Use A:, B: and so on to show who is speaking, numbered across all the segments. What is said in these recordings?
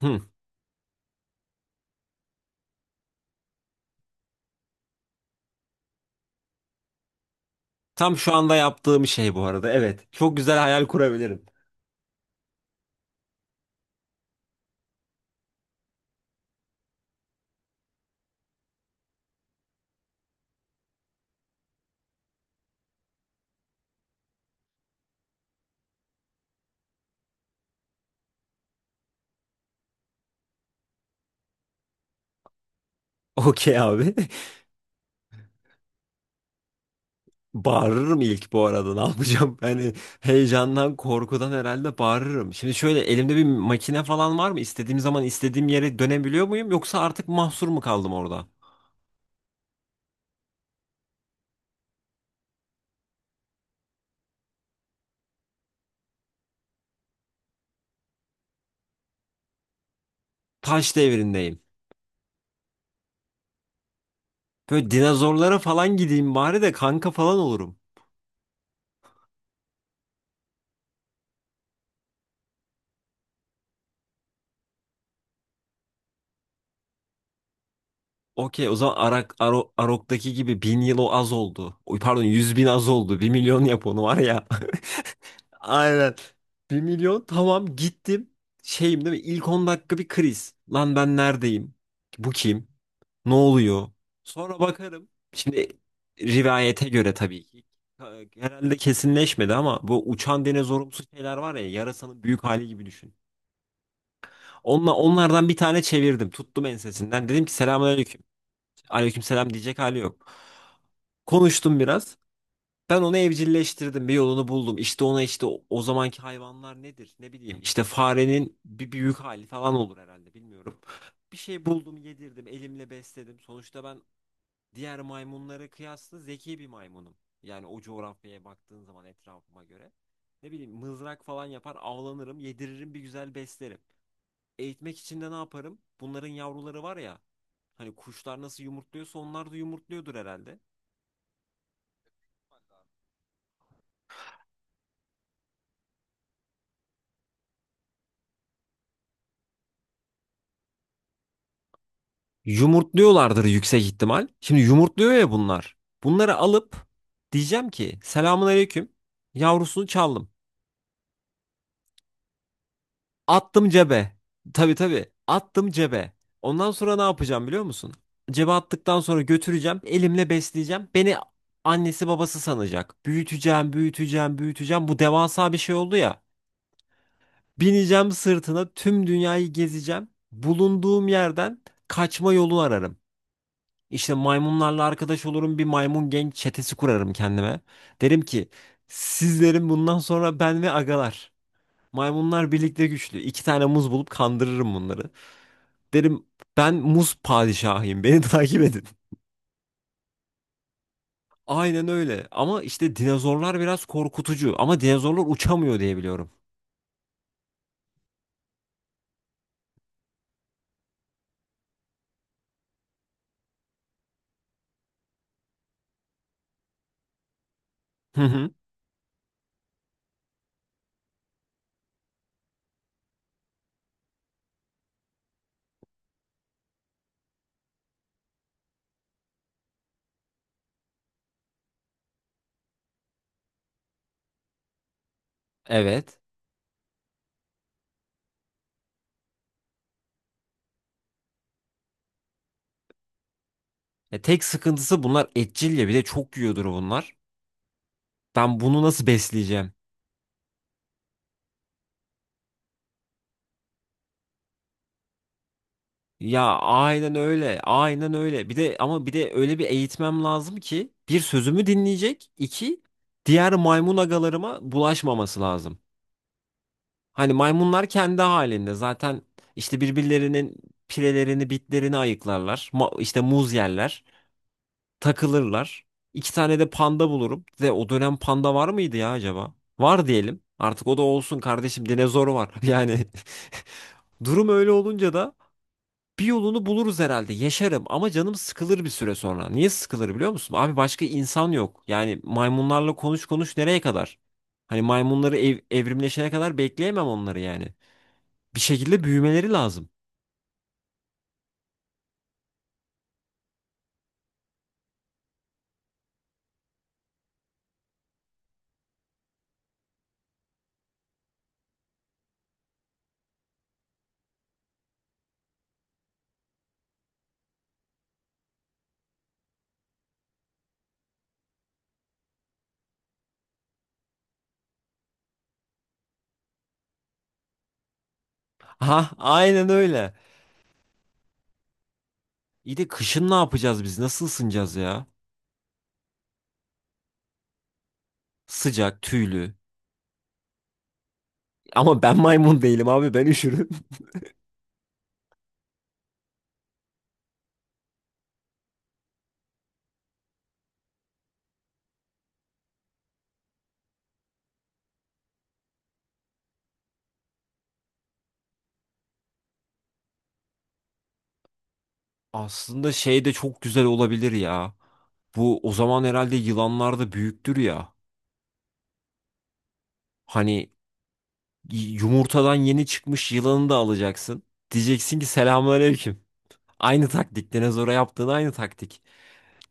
A: Hı. Tam şu anda yaptığım şey bu arada. Evet. Çok güzel hayal kurabilirim. Okey abi. Bağırırım ilk bu arada. Ne yapacağım? Hani heyecandan, korkudan herhalde bağırırım. Şimdi şöyle elimde bir makine falan var mı? İstediğim zaman istediğim yere dönebiliyor muyum? Yoksa artık mahsur mu kaldım orada? Taş devrindeyim. Böyle dinozorlara falan gideyim bari de kanka falan olurum. Okey, o zaman Arok'taki gibi 1000 yıl o az oldu. Oy, pardon, 100.000 az oldu. 1 milyon yap onu var ya. Aynen. 1 milyon, tamam, gittim. Şeyim değil mi? İlk 10 dakika bir kriz. Lan ben neredeyim? Bu kim? Ne oluyor? Sonra bakarım. Şimdi, rivayete göre tabii ki, herhalde kesinleşmedi ama bu uçan dinozorumsu şeyler var ya, yarasanın büyük hali gibi düşün. Onlardan bir tane çevirdim. Tuttum ensesinden. Dedim ki, selamünaleyküm. Aleykümselam diyecek hali yok. Konuştum biraz. Ben onu evcilleştirdim, bir yolunu buldum. İşte ona, işte o zamanki hayvanlar nedir? Ne bileyim. İşte farenin bir büyük hali falan olur herhalde, bilmiyorum. Bir şey buldum, yedirdim, elimle besledim. Sonuçta ben diğer maymunlara kıyasla zeki bir maymunum. Yani o coğrafyaya baktığın zaman, etrafıma göre. Ne bileyim, mızrak falan yapar, avlanırım, yediririm, bir güzel beslerim. Eğitmek için de ne yaparım? Bunların yavruları var ya. Hani kuşlar nasıl yumurtluyorsa onlar da yumurtluyordur herhalde. Yumurtluyorlardır yüksek ihtimal. Şimdi yumurtluyor ya bunlar. Bunları alıp diyeceğim ki, selamun aleyküm. Yavrusunu çaldım. Attım cebe. Tabii, tabii. Attım cebe. Ondan sonra ne yapacağım biliyor musun? Cebe attıktan sonra götüreceğim. Elimle besleyeceğim. Beni annesi babası sanacak. Büyüteceğim, büyüteceğim, büyüteceğim. Bu devasa bir şey oldu ya. Bineceğim sırtına, tüm dünyayı gezeceğim. Bulunduğum yerden kaçma yolu ararım. İşte maymunlarla arkadaş olurum, bir maymun genç çetesi kurarım kendime. Derim ki, sizlerin bundan sonra ben ve agalar. Maymunlar birlikte güçlü. İki tane muz bulup kandırırım bunları. Derim, ben muz padişahıyım, beni takip edin. Aynen öyle, ama işte dinozorlar biraz korkutucu, ama dinozorlar uçamıyor diye biliyorum. Hı hı. Evet. Tek sıkıntısı, bunlar etçil ya, bir de çok yiyordur bunlar. Ben bunu nasıl besleyeceğim? Ya aynen öyle. Aynen öyle. Bir de, ama bir de öyle bir eğitmem lazım ki, bir, sözümü dinleyecek; iki, diğer maymun agalarıma bulaşmaması lazım. Hani maymunlar kendi halinde, zaten işte birbirlerinin pirelerini, bitlerini ayıklarlar. İşte muz yerler, takılırlar. İki tane de panda bulurum. Ve o dönem panda var mıydı ya acaba? Var diyelim. Artık o da olsun kardeşim. Dinozor var. Yani durum öyle olunca da bir yolunu buluruz herhalde. Yaşarım ama canım sıkılır bir süre sonra. Niye sıkılır biliyor musun? Abi başka insan yok. Yani maymunlarla konuş konuş nereye kadar? Hani maymunları evrimleşene kadar bekleyemem onları yani. Bir şekilde büyümeleri lazım. Ha, aynen öyle. İyi de kışın ne yapacağız biz? Nasıl ısınacağız ya? Sıcak, tüylü. Ama ben maymun değilim abi, ben üşürüm. Aslında şey de çok güzel olabilir ya. Bu, o zaman herhalde yılanlar da büyüktür ya. Hani yumurtadan yeni çıkmış yılanı da alacaksın. Diyeceksin ki, selamünaleyküm. Aynı taktik. Dinozora yaptığın aynı taktik.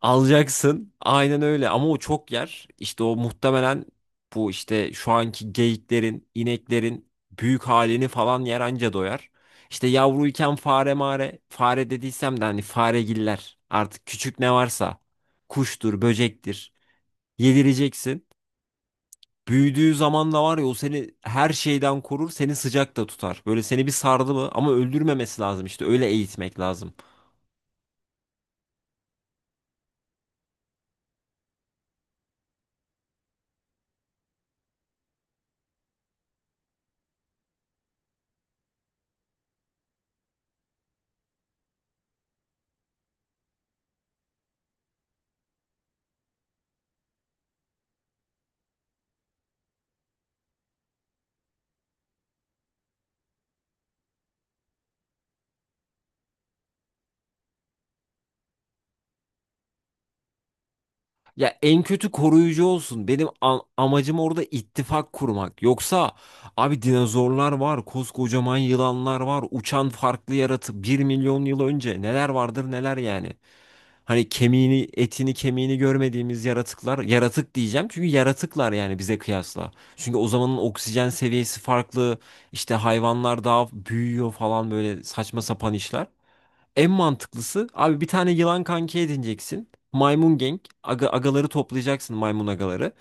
A: Alacaksın. Aynen öyle. Ama o çok yer. İşte o muhtemelen bu işte şu anki geyiklerin, ineklerin büyük halini falan yer, anca doyar. İşte yavruyken fare mare, fare dediysem de hani faregiller, artık küçük ne varsa, kuştur, böcektir, yedireceksin. Büyüdüğü zaman da var ya, o seni her şeyden korur, seni sıcak da tutar. Böyle seni bir sardı mı, ama öldürmemesi lazım, işte öyle eğitmek lazım. Ya en kötü koruyucu olsun. Benim amacım orada ittifak kurmak. Yoksa abi, dinozorlar var, koskocaman yılanlar var, uçan farklı yaratı. 1 milyon yıl önce neler vardır neler yani. Hani kemiğini, etini, kemiğini görmediğimiz yaratıklar, yaratık diyeceğim çünkü yaratıklar yani bize kıyasla. Çünkü o zamanın oksijen seviyesi farklı, işte hayvanlar daha büyüyor falan, böyle saçma sapan işler. En mantıklısı abi, bir tane yılan kanki edineceksin. Maymun gang. Agaları toplayacaksın, maymun agaları.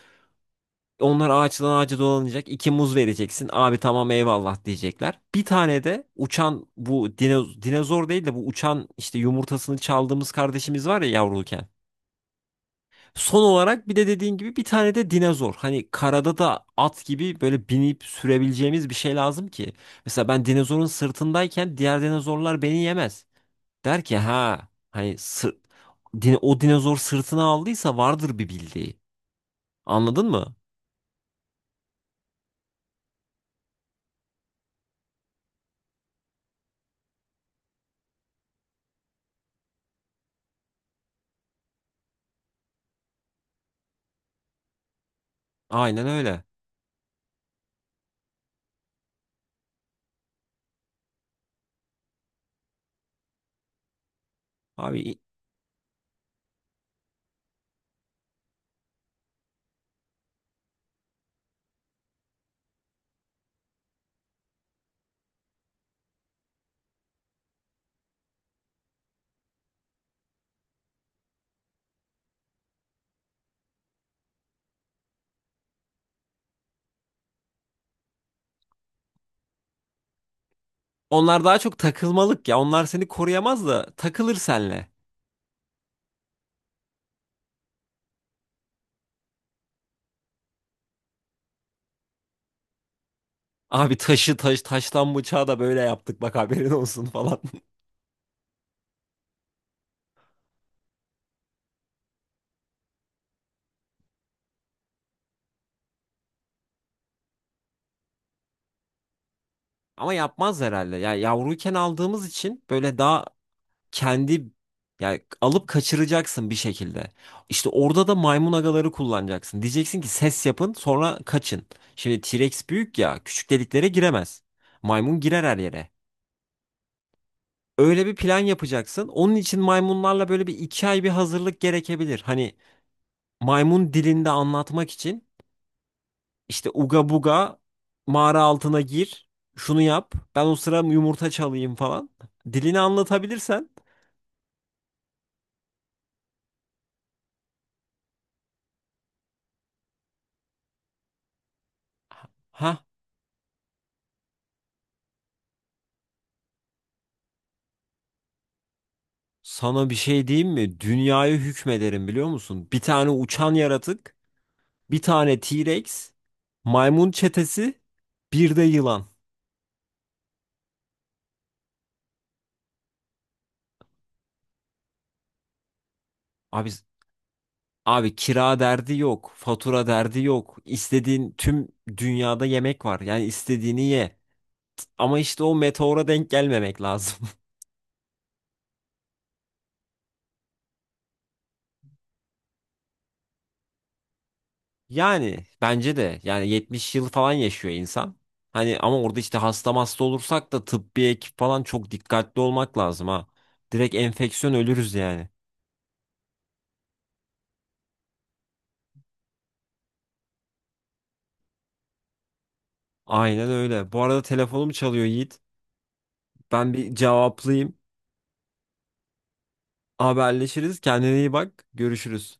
A: Onlar ağaçtan ağaca dolanacak. İki muz vereceksin. Abi tamam, eyvallah diyecekler. Bir tane de uçan, bu dinozor değil de, bu uçan işte yumurtasını çaldığımız kardeşimiz var ya, yavruluken. Son olarak bir de, dediğin gibi, bir tane de dinozor. Hani karada da at gibi böyle binip sürebileceğimiz bir şey lazım ki. Mesela ben dinozorun sırtındayken diğer dinozorlar beni yemez. Der ki, ha hani o dinozor sırtına aldıysa vardır bir bildiği. Anladın mı? Aynen öyle. Abi i- Onlar daha çok takılmalık ya. Onlar seni koruyamaz da takılır senle. Abi taşı, taş taştan bıçağı da böyle yaptık bak, haberin olsun falan. Ama yapmaz herhalde. Ya yavruyken aldığımız için böyle daha kendi, yani alıp kaçıracaksın bir şekilde. İşte orada da maymun agaları kullanacaksın. Diyeceksin ki, ses yapın, sonra kaçın. Şimdi T-Rex büyük ya, küçük deliklere giremez. Maymun girer her yere. Öyle bir plan yapacaksın. Onun için maymunlarla böyle bir iki ay bir hazırlık gerekebilir. Hani maymun dilinde anlatmak için, işte uga buga, mağara altına gir, şunu yap, ben o sıra yumurta çalayım falan. Dilini anlatabilirsen. Ha. Sana bir şey diyeyim mi? Dünyayı hükmederim biliyor musun? Bir tane uçan yaratık, bir tane T-Rex, maymun çetesi, bir de yılan. Abi abi, kira derdi yok, fatura derdi yok. İstediğin tüm dünyada yemek var. Yani istediğini ye. Ama işte o meteora denk gelmemek lazım. Yani bence de, yani 70 yıl falan yaşıyor insan. Hani ama orada işte hasta hasta olursak da tıbbi ekip falan, çok dikkatli olmak lazım ha. Direkt enfeksiyon ölürüz yani. Aynen öyle. Bu arada telefonum çalıyor Yiğit. Ben bir cevaplayayım. Haberleşiriz. Kendine iyi bak. Görüşürüz.